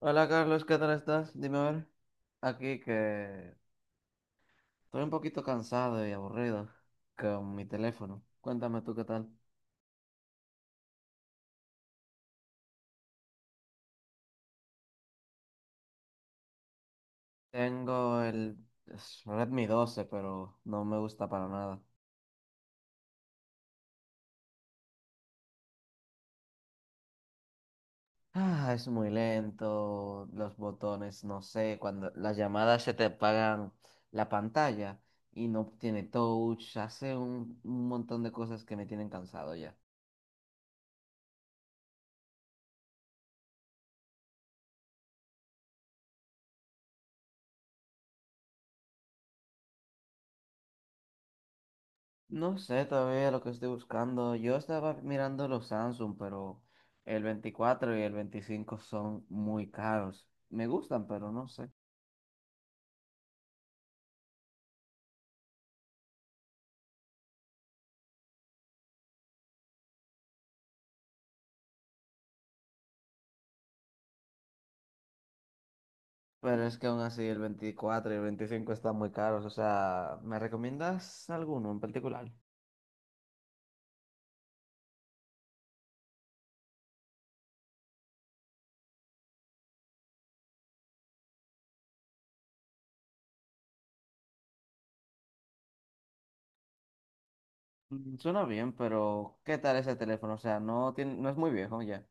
Hola Carlos, ¿qué tal estás? Dime a ver. Aquí que estoy un poquito cansado y aburrido con mi teléfono. Cuéntame tú qué tal. Tengo el es Redmi 12, pero no me gusta para nada. Ah, es muy lento, los botones, no sé, cuando las llamadas se te apagan la pantalla y no tiene touch, hace un montón de cosas que me tienen cansado ya. No sé todavía lo que estoy buscando. Yo estaba mirando los Samsung, pero el 24 y el 25 son muy caros. Me gustan, pero no sé. Pero es que aún así el 24 y el 25 están muy caros. O sea, ¿me recomiendas alguno en particular? Mm, suena bien, pero ¿qué tal ese teléfono? O sea, no tiene, no es muy viejo ya.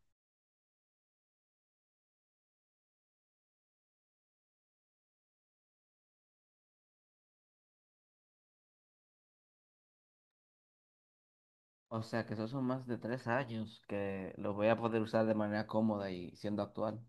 O sea, que esos son más de tres años que lo voy a poder usar de manera cómoda y siendo actual.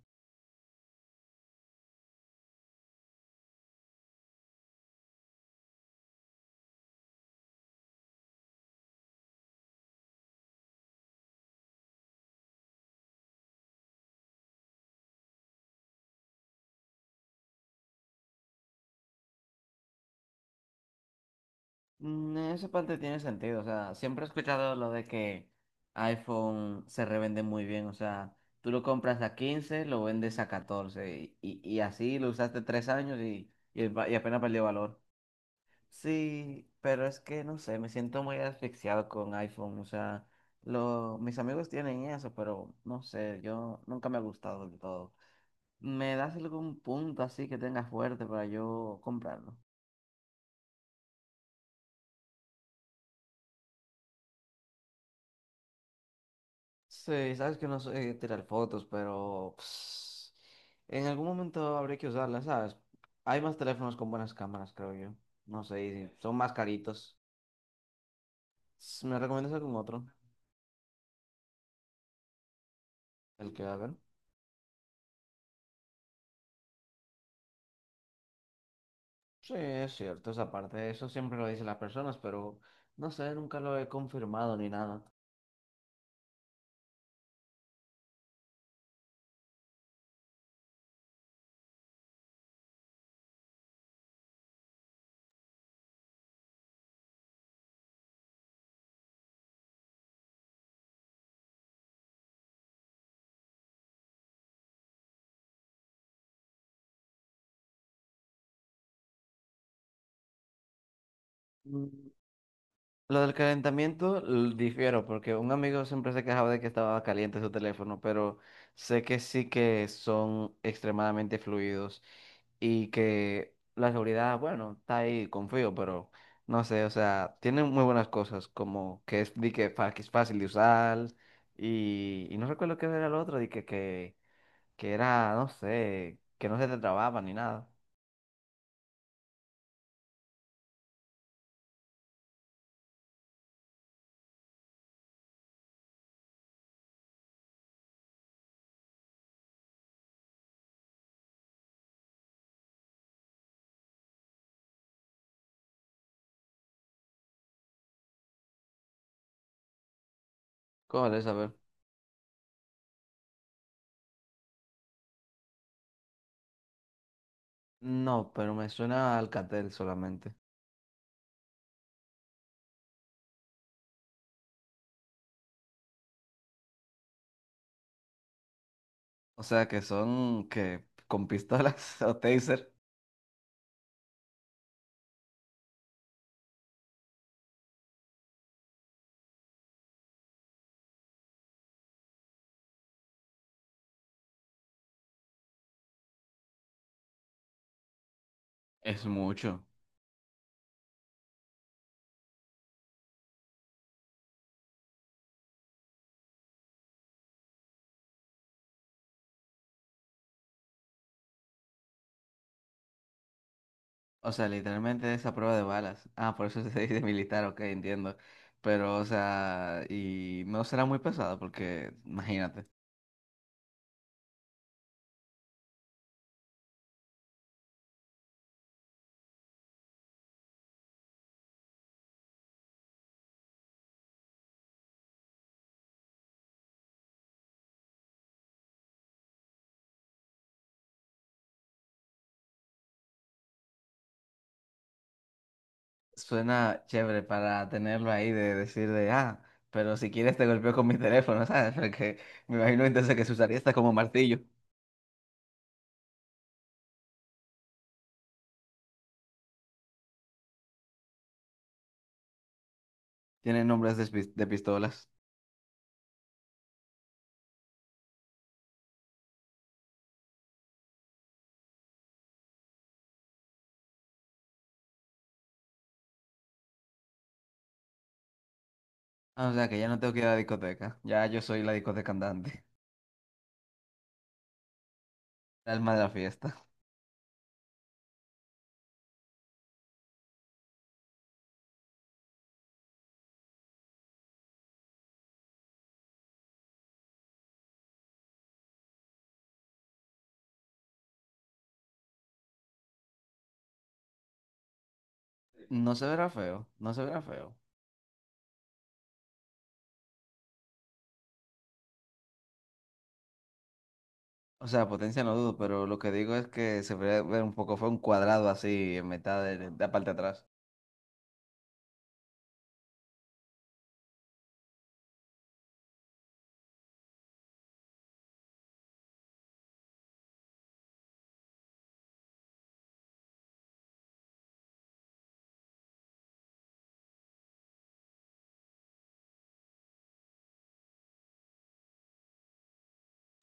Mm, en esa parte tiene sentido. O sea, siempre he escuchado lo de que iPhone se revende muy bien. O sea, tú lo compras a 15, lo vendes a 14, y así lo usaste tres años y apenas perdió valor. Sí, pero es que no sé, me siento muy asfixiado con iPhone. O sea, lo, mis amigos tienen eso, pero no sé, yo nunca me ha gustado del todo. ¿Me das algún punto así que tengas fuerte para yo comprarlo? Sí, sabes que no sé tirar fotos, pero pues, en algún momento habré que usarlas, ¿sabes? Hay más teléfonos con buenas cámaras, creo yo. No sé, y si son más caritos. S- ¿Me recomiendas algún otro? El que hagan. Sí, es cierto, esa parte. Eso siempre lo dicen las personas, pero no sé, nunca lo he confirmado ni nada. Mm. Lo del calentamiento l- difiero porque un amigo siempre se quejaba de que estaba caliente su teléfono, pero sé que sí que son extremadamente fluidos y que la seguridad, bueno, está ahí, confío, pero no sé. O sea, tiene muy buenas cosas como que es, di que, fa- que es fácil de usar y no recuerdo qué era lo otro, di que, que era, no sé, que no se te trababa ni nada. ¿Cómo de saber? No, pero me suena a Alcatel solamente. O sea, que son que con pistolas o taser es mucho. O sea, literalmente es a prueba de balas. Ah, por eso se dice militar. Ok, entiendo. Pero, o sea, y no será muy pesado porque, imagínate, suena chévere para tenerlo ahí de decir de, ah, pero si quieres te golpeo con mi teléfono, ¿sabes? Porque me imagino entonces que se usaría hasta como martillo. Tienen nombres de, pis- de pistolas. Ah, o sea, que ya no tengo que ir a la discoteca. Ya yo soy la discoteca andante, el alma de la fiesta. No se verá feo, no se verá feo. O sea, potencia no dudo, pero lo que digo es que se verá ver un poco fue un cuadrado así en mitad de la parte de atrás.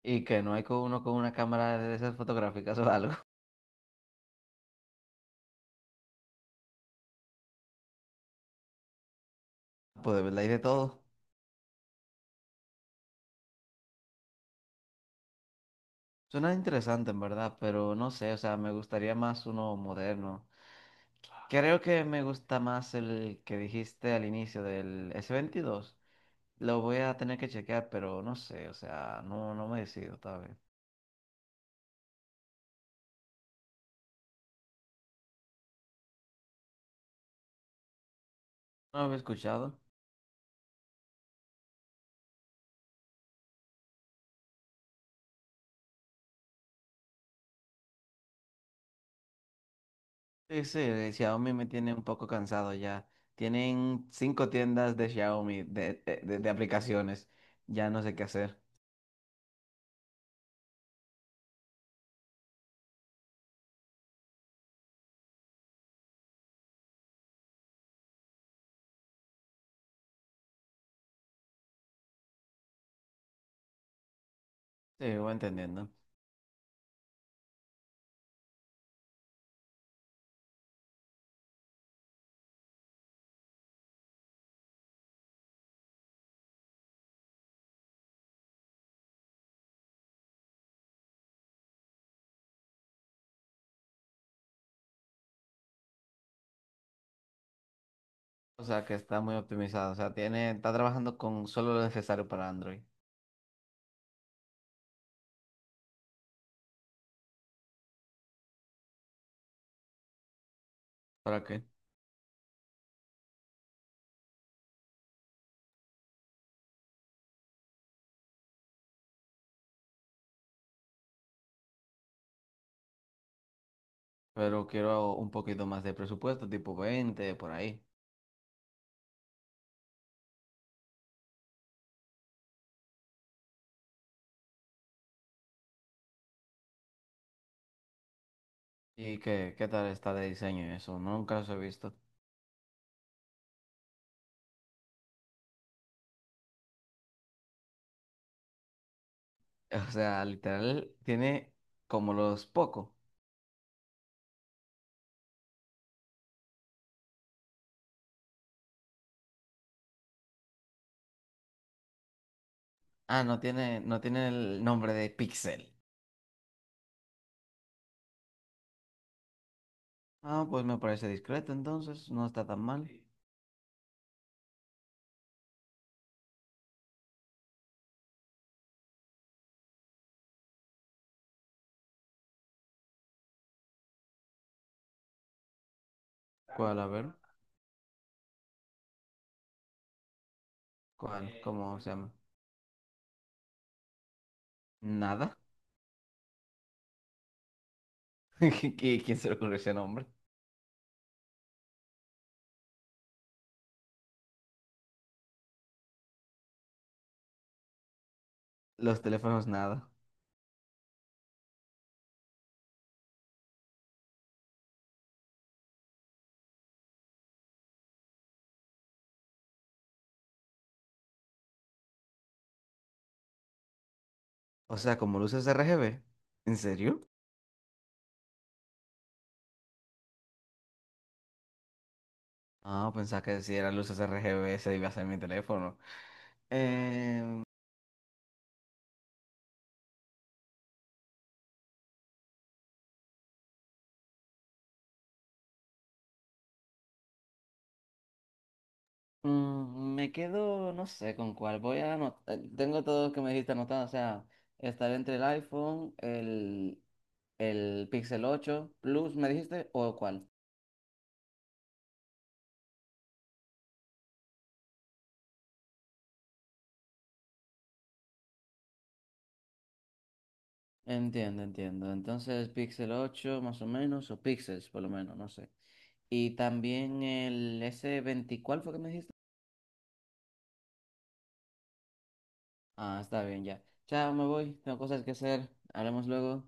Y que no hay con uno con una cámara de esas fotográficas o algo. Pues de verdad hay de todo. Suena interesante en verdad, pero no sé, o sea, me gustaría más uno moderno. Creo que me gusta más el que dijiste al inicio del S22. Lo voy a tener que chequear, pero no sé, o sea, no, no me decido todavía. No lo había escuchado. Sí, sí, el Xiaomi me tiene un poco cansado ya. Tienen cinco tiendas de Xiaomi, de aplicaciones. Ya no sé qué hacer. Sí, voy entendiendo. O sea, que está muy optimizado. O sea, tiene, está trabajando con solo lo necesario para Android. ¿Para qué? Pero quiero un poquito más de presupuesto, tipo 20, por ahí. ¿Y qué, qué tal está de diseño eso? Nunca los he visto. O sea, literal, tiene como los Poco. Ah, no tiene, no tiene el nombre de Pixel. Ah, pues me parece discreto entonces, no está tan mal. ¿Cuál? A ver, ¿cuál? ¿Cómo se llama? Nada. ¿Quién se le ocurrió ese nombre? Los teléfonos nada. O sea, como luces RGB. ¿En serio? Ah, pensaba que si eran luces RGB se iba a ser mi teléfono. Eh, mm, me quedo, no sé con cuál. Voy a anotar. Tengo todo lo que me dijiste anotado. O sea, estaré entre el iPhone, el Pixel 8 Plus, ¿me dijiste? ¿O cuál? Entiendo, entiendo. Entonces, Pixel 8 más o menos, o Pixels por lo menos, no sé. Y también el S20, ¿cuál fue que me dijiste? Ah, está bien, ya. Chao, me voy, tengo cosas que hacer. Hablamos luego.